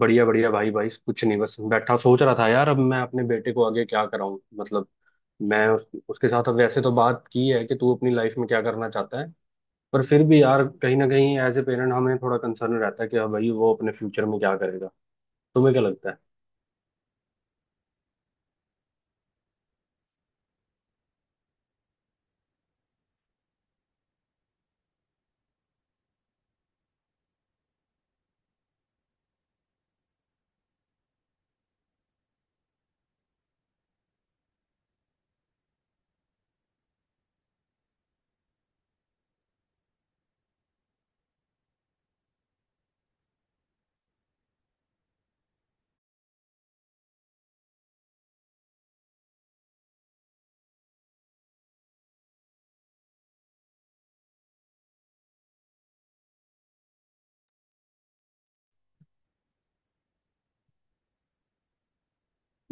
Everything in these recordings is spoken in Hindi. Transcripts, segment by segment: बढ़िया बढ़िया भाई भाई कुछ नहीं, बस बैठा सोच रहा था यार, अब मैं अपने बेटे को आगे क्या कराऊं। मतलब मैं उसके साथ अब वैसे तो बात की है कि तू अपनी लाइफ में क्या करना चाहता है। पर फिर भी यार कहीं ना कहीं एज ए पेरेंट हमें थोड़ा कंसर्न रहता है कि हाँ भाई वो अपने फ्यूचर में क्या करेगा। तुम्हें क्या लगता है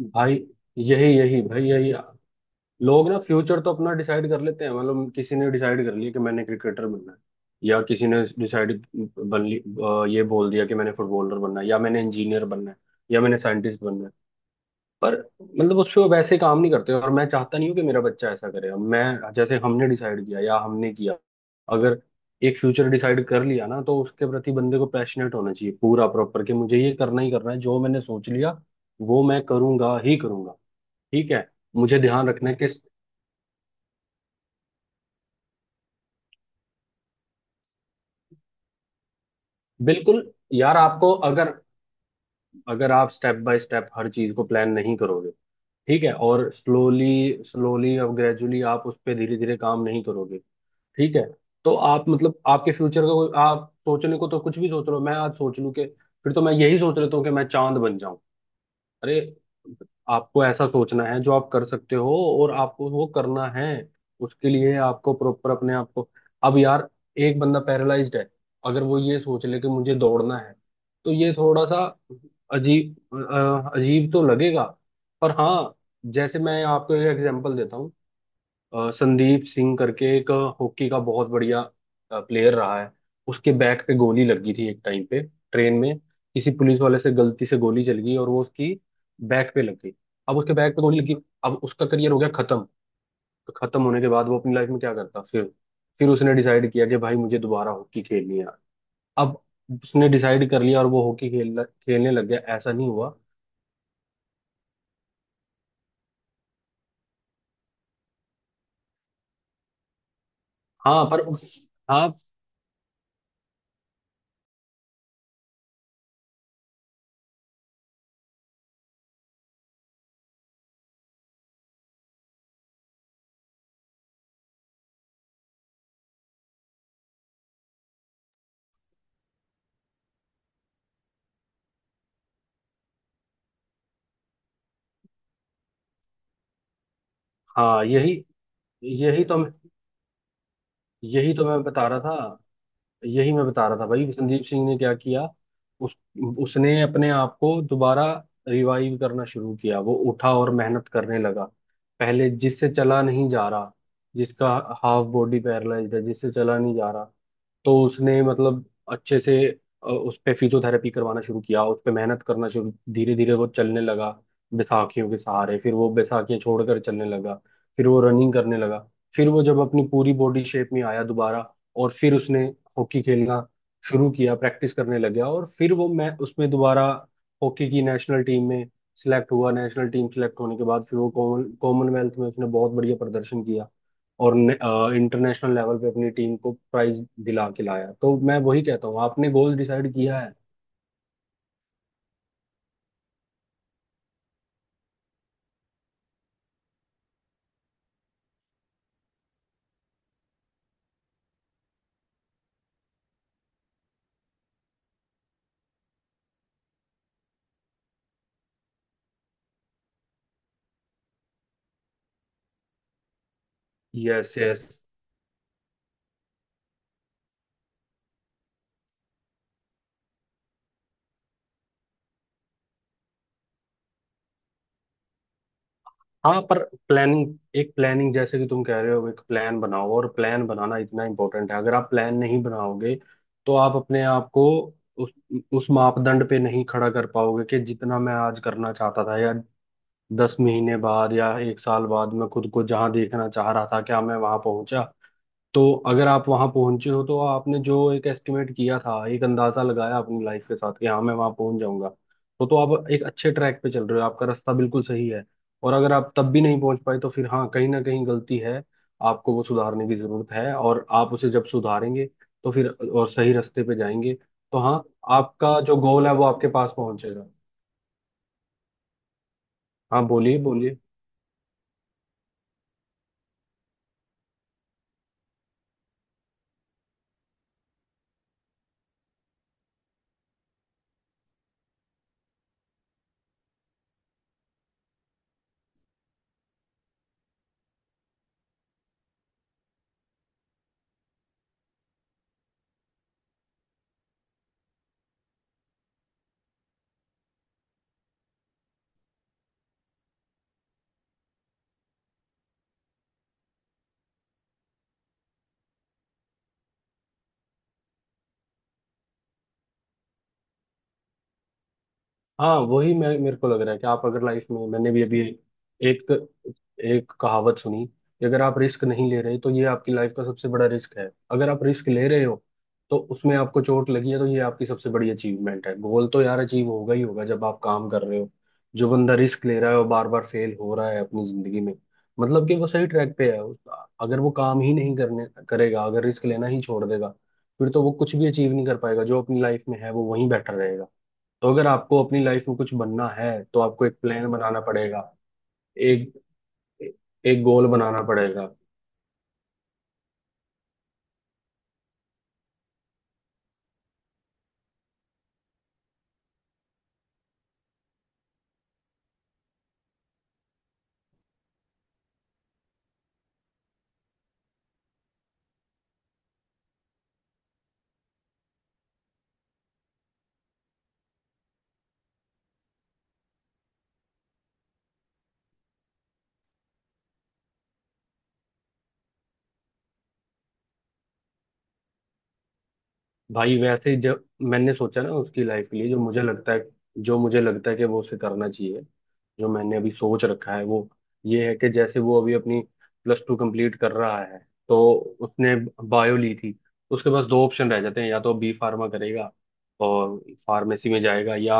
भाई? यही यही भाई यही। लोग ना फ्यूचर तो अपना डिसाइड कर लेते हैं, मतलब किसी ने डिसाइड कर लिया कि मैंने क्रिकेटर बनना है, या किसी ने डिसाइड बन ली ये बोल दिया कि मैंने फुटबॉलर बनना है या मैंने इंजीनियर बनना है या मैंने साइंटिस्ट बनना है। पर मतलब उस पे वो वैसे काम नहीं करते, और मैं चाहता नहीं हूँ कि मेरा बच्चा ऐसा करे। अब मैं जैसे हमने डिसाइड किया या हमने किया, अगर एक फ्यूचर डिसाइड कर लिया ना, तो उसके प्रति बंदे को पैशनेट होना चाहिए पूरा प्रॉपर, कि मुझे ये करना ही करना है, जो मैंने सोच लिया वो मैं करूंगा ही करूंगा। ठीक है। मुझे ध्यान रखना है कि बिल्कुल। यार आपको अगर, अगर आप स्टेप बाय स्टेप हर चीज को प्लान नहीं करोगे, ठीक है, और स्लोली स्लोली और ग्रेजुअली आप उस पर धीरे धीरे काम नहीं करोगे, ठीक है, तो आप मतलब आपके फ्यूचर का कोई, आप सोचने को तो कुछ भी सोच रहे हो। मैं आज सोच लूं कि, फिर तो मैं यही सोच लेता हूँ कि मैं चांद बन जाऊं। अरे, आपको ऐसा सोचना है जो आप कर सकते हो, और आपको वो करना है। उसके लिए आपको प्रॉपर अपने आप को, अब यार एक बंदा पैरालाइज्ड है, अगर वो ये सोच ले कि मुझे दौड़ना है, तो ये थोड़ा सा अजीब, अजीब तो लगेगा। पर हाँ, जैसे मैं आपको एक एग्जांपल देता हूँ। संदीप सिंह करके एक हॉकी का बहुत बढ़िया प्लेयर रहा है। उसके बैक पे गोली लग गई थी एक टाइम पे, ट्रेन में किसी पुलिस वाले से गलती से गोली चल गई, और वो उसकी बैक पे लग गई। अब उसके बैक पे गोली लगी, अब उसका करियर हो गया खत्म। तो खत्म होने के बाद वो अपनी लाइफ में क्या करता फिर? फिर उसने डिसाइड किया कि भाई मुझे दोबारा हॉकी खेलनी है। अब उसने डिसाइड कर लिया और वो हॉकी खेल खेलने लग गया, ऐसा नहीं हुआ। हाँ पर, हाँ हाँ, यही यही तो मैं, यही तो मैं बता रहा था। यही मैं बता रहा था भाई, संदीप सिंह ने क्या किया। उस उसने अपने आप को दोबारा रिवाइव करना शुरू किया। वो उठा और मेहनत करने लगा। पहले जिससे चला नहीं जा रहा, जिसका हाफ बॉडी पैरालाइज्ड है, जिससे चला नहीं जा रहा, तो उसने मतलब अच्छे से उस पे फिजियोथेरेपी करवाना शुरू किया, उस पे मेहनत करना शुरू, धीरे धीरे वो चलने लगा बैसाखियों के सहारे, फिर वो बैसाखियां छोड़कर चलने लगा, फिर वो रनिंग करने लगा, फिर वो जब अपनी पूरी बॉडी शेप में आया दोबारा, और फिर उसने हॉकी खेलना शुरू किया, प्रैक्टिस करने लग गया, और फिर वो मैं उसमें दोबारा हॉकी की नेशनल टीम में सिलेक्ट हुआ। नेशनल टीम सिलेक्ट होने के बाद फिर वो कॉमनवेल्थ में उसने बहुत बढ़िया प्रदर्शन किया, और इंटरनेशनल लेवल पे अपनी टीम को प्राइज दिला के लाया। तो मैं वही कहता हूँ, आपने गोल डिसाइड किया है। Yes yes. हाँ पर प्लानिंग, एक प्लानिंग, जैसे कि तुम कह रहे हो, एक प्लान बनाओ। और प्लान बनाना इतना इम्पोर्टेंट है। अगर आप प्लान नहीं बनाओगे तो आप अपने आप को उस उस मापदंड पे नहीं खड़ा कर पाओगे, कि जितना मैं आज करना चाहता था या 10 महीने बाद या 1 साल बाद मैं खुद को जहाँ देखना चाह रहा था, क्या मैं वहां पहुंचा। तो अगर आप वहां पहुंचे हो, तो आपने जो एक एस्टिमेट किया था, एक अंदाजा लगाया अपनी लाइफ के साथ कि हाँ मैं वहां पहुंच जाऊंगा, तो आप एक अच्छे ट्रैक पे चल रहे हो, आपका रास्ता बिल्कुल सही है। और अगर आप तब भी नहीं पहुंच पाए, तो फिर हाँ, कहीं ना कहीं गलती है, आपको वो सुधारने की जरूरत है, और आप उसे जब सुधारेंगे तो फिर और सही रास्ते पे जाएंगे। तो हाँ, आपका जो गोल है वो आपके पास पहुंचेगा। हाँ बोलिए बोलिए। हाँ वही, मैं मेरे को लग रहा है कि आप अगर लाइफ में, मैंने भी अभी एक एक कहावत सुनी कि अगर आप रिस्क नहीं ले रहे तो ये आपकी लाइफ का सबसे बड़ा रिस्क है। अगर आप रिस्क ले रहे हो, तो उसमें आपको चोट लगी है, तो ये आपकी सबसे बड़ी अचीवमेंट है। गोल तो यार अचीव होगा ही होगा, जब आप काम कर रहे हो। जो बंदा रिस्क ले रहा है और बार बार फेल हो रहा है अपनी जिंदगी में, मतलब कि वो सही ट्रैक पे है। उस- अगर वो काम ही नहीं करने करेगा, अगर रिस्क लेना ही छोड़ देगा, फिर तो वो कुछ भी अचीव नहीं कर पाएगा जो अपनी लाइफ में है, वो वहीं बैठा रहेगा। तो अगर आपको अपनी लाइफ में कुछ बनना है, तो आपको एक प्लान बनाना पड़ेगा, एक एक गोल बनाना पड़ेगा। भाई वैसे जब मैंने सोचा ना उसकी लाइफ के लिए, जो मुझे लगता है, जो मुझे लगता है कि वो उसे करना चाहिए, जो मैंने अभी सोच रखा है वो ये है कि जैसे वो अभी अपनी प्लस टू कंप्लीट कर रहा है, तो उसने बायो ली थी। उसके पास दो ऑप्शन रह जाते हैं, या तो बी फार्मा करेगा और फार्मेसी में जाएगा, या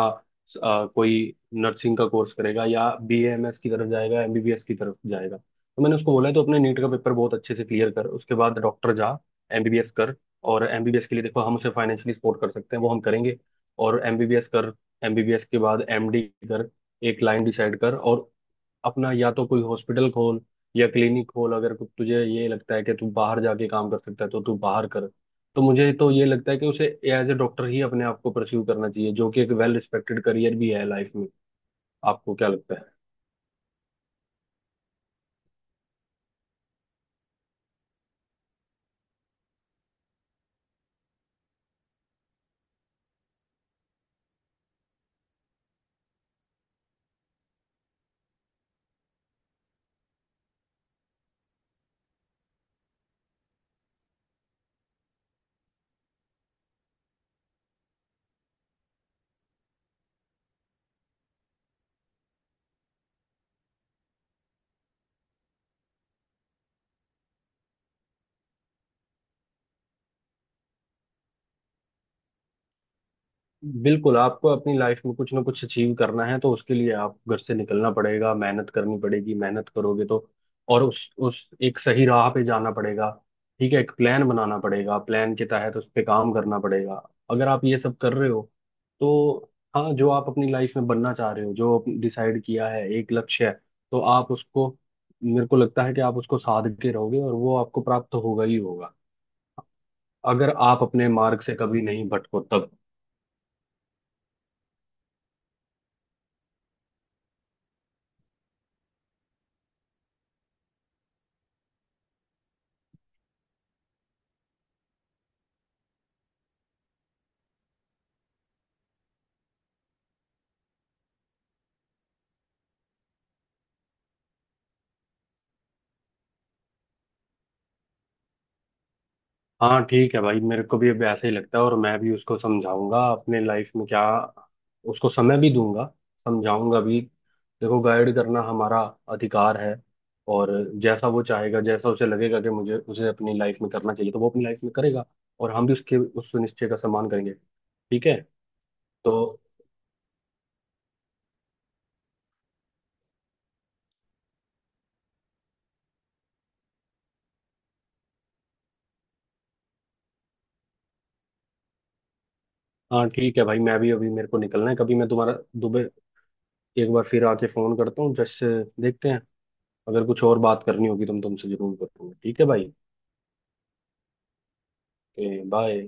कोई नर्सिंग का कोर्स करेगा, या BMS की तरफ जाएगा, एमबीबीएस की तरफ जाएगा। तो मैंने उसको बोला है, तो अपने नीट का पेपर बहुत अच्छे से क्लियर कर, उसके बाद डॉक्टर जा, एमबीबीएस कर। और एमबीबीएस के लिए देखो हम उसे फाइनेंशियली सपोर्ट कर सकते हैं, वो हम करेंगे। और एमबीबीएस कर, एमबीबीएस के बाद एमडी कर, एक लाइन डिसाइड कर, और अपना या तो कोई हॉस्पिटल खोल या क्लिनिक खोल। अगर कु- तुझे ये लगता है कि तू बाहर जाके काम कर सकता है, तो तू बाहर कर। तो मुझे तो ये लगता है कि उसे एज ए डॉक्टर ही अपने आप को परस्यू करना चाहिए, जो कि एक वेल रिस्पेक्टेड करियर भी है लाइफ में। आपको क्या लगता है? बिल्कुल, आपको अपनी लाइफ में कुछ ना कुछ अचीव करना है, तो उसके लिए आप घर से निकलना पड़ेगा, मेहनत करनी पड़ेगी, मेहनत करोगे तो, और उस एक सही राह पे जाना पड़ेगा। ठीक है, एक प्लान बनाना पड़ेगा, प्लान के तहत उस पे काम करना पड़ेगा। अगर आप ये सब कर रहे हो, तो हाँ, जो आप अपनी लाइफ में बनना चाह रहे हो, जो डिसाइड किया है, एक लक्ष्य है, तो आप उसको, मेरे को लगता है कि आप उसको साध के रहोगे और वो आपको प्राप्त होगा ही होगा, अगर आप अपने मार्ग से कभी नहीं भटको तब। हाँ ठीक है भाई, मेरे को भी अब ऐसे ही लगता है, और मैं भी उसको समझाऊंगा अपने लाइफ में क्या, उसको समय भी दूंगा, समझाऊंगा भी। देखो, गाइड करना हमारा अधिकार है, और जैसा वो चाहेगा, जैसा उसे लगेगा कि मुझे उसे अपनी लाइफ में करना चाहिए, तो वो अपनी लाइफ में करेगा, और हम भी उसके उस निश्चय का सम्मान करेंगे। ठीक है तो। हाँ ठीक है भाई, मैं भी अभी मेरे को निकलना है। कभी मैं तुम्हारा दुबे एक बार फिर आके फोन करता हूँ, जस्ट देखते हैं, अगर कुछ और बात करनी होगी तो मैं तुमसे जरूर करूंगा। ठीक है भाई। बाय।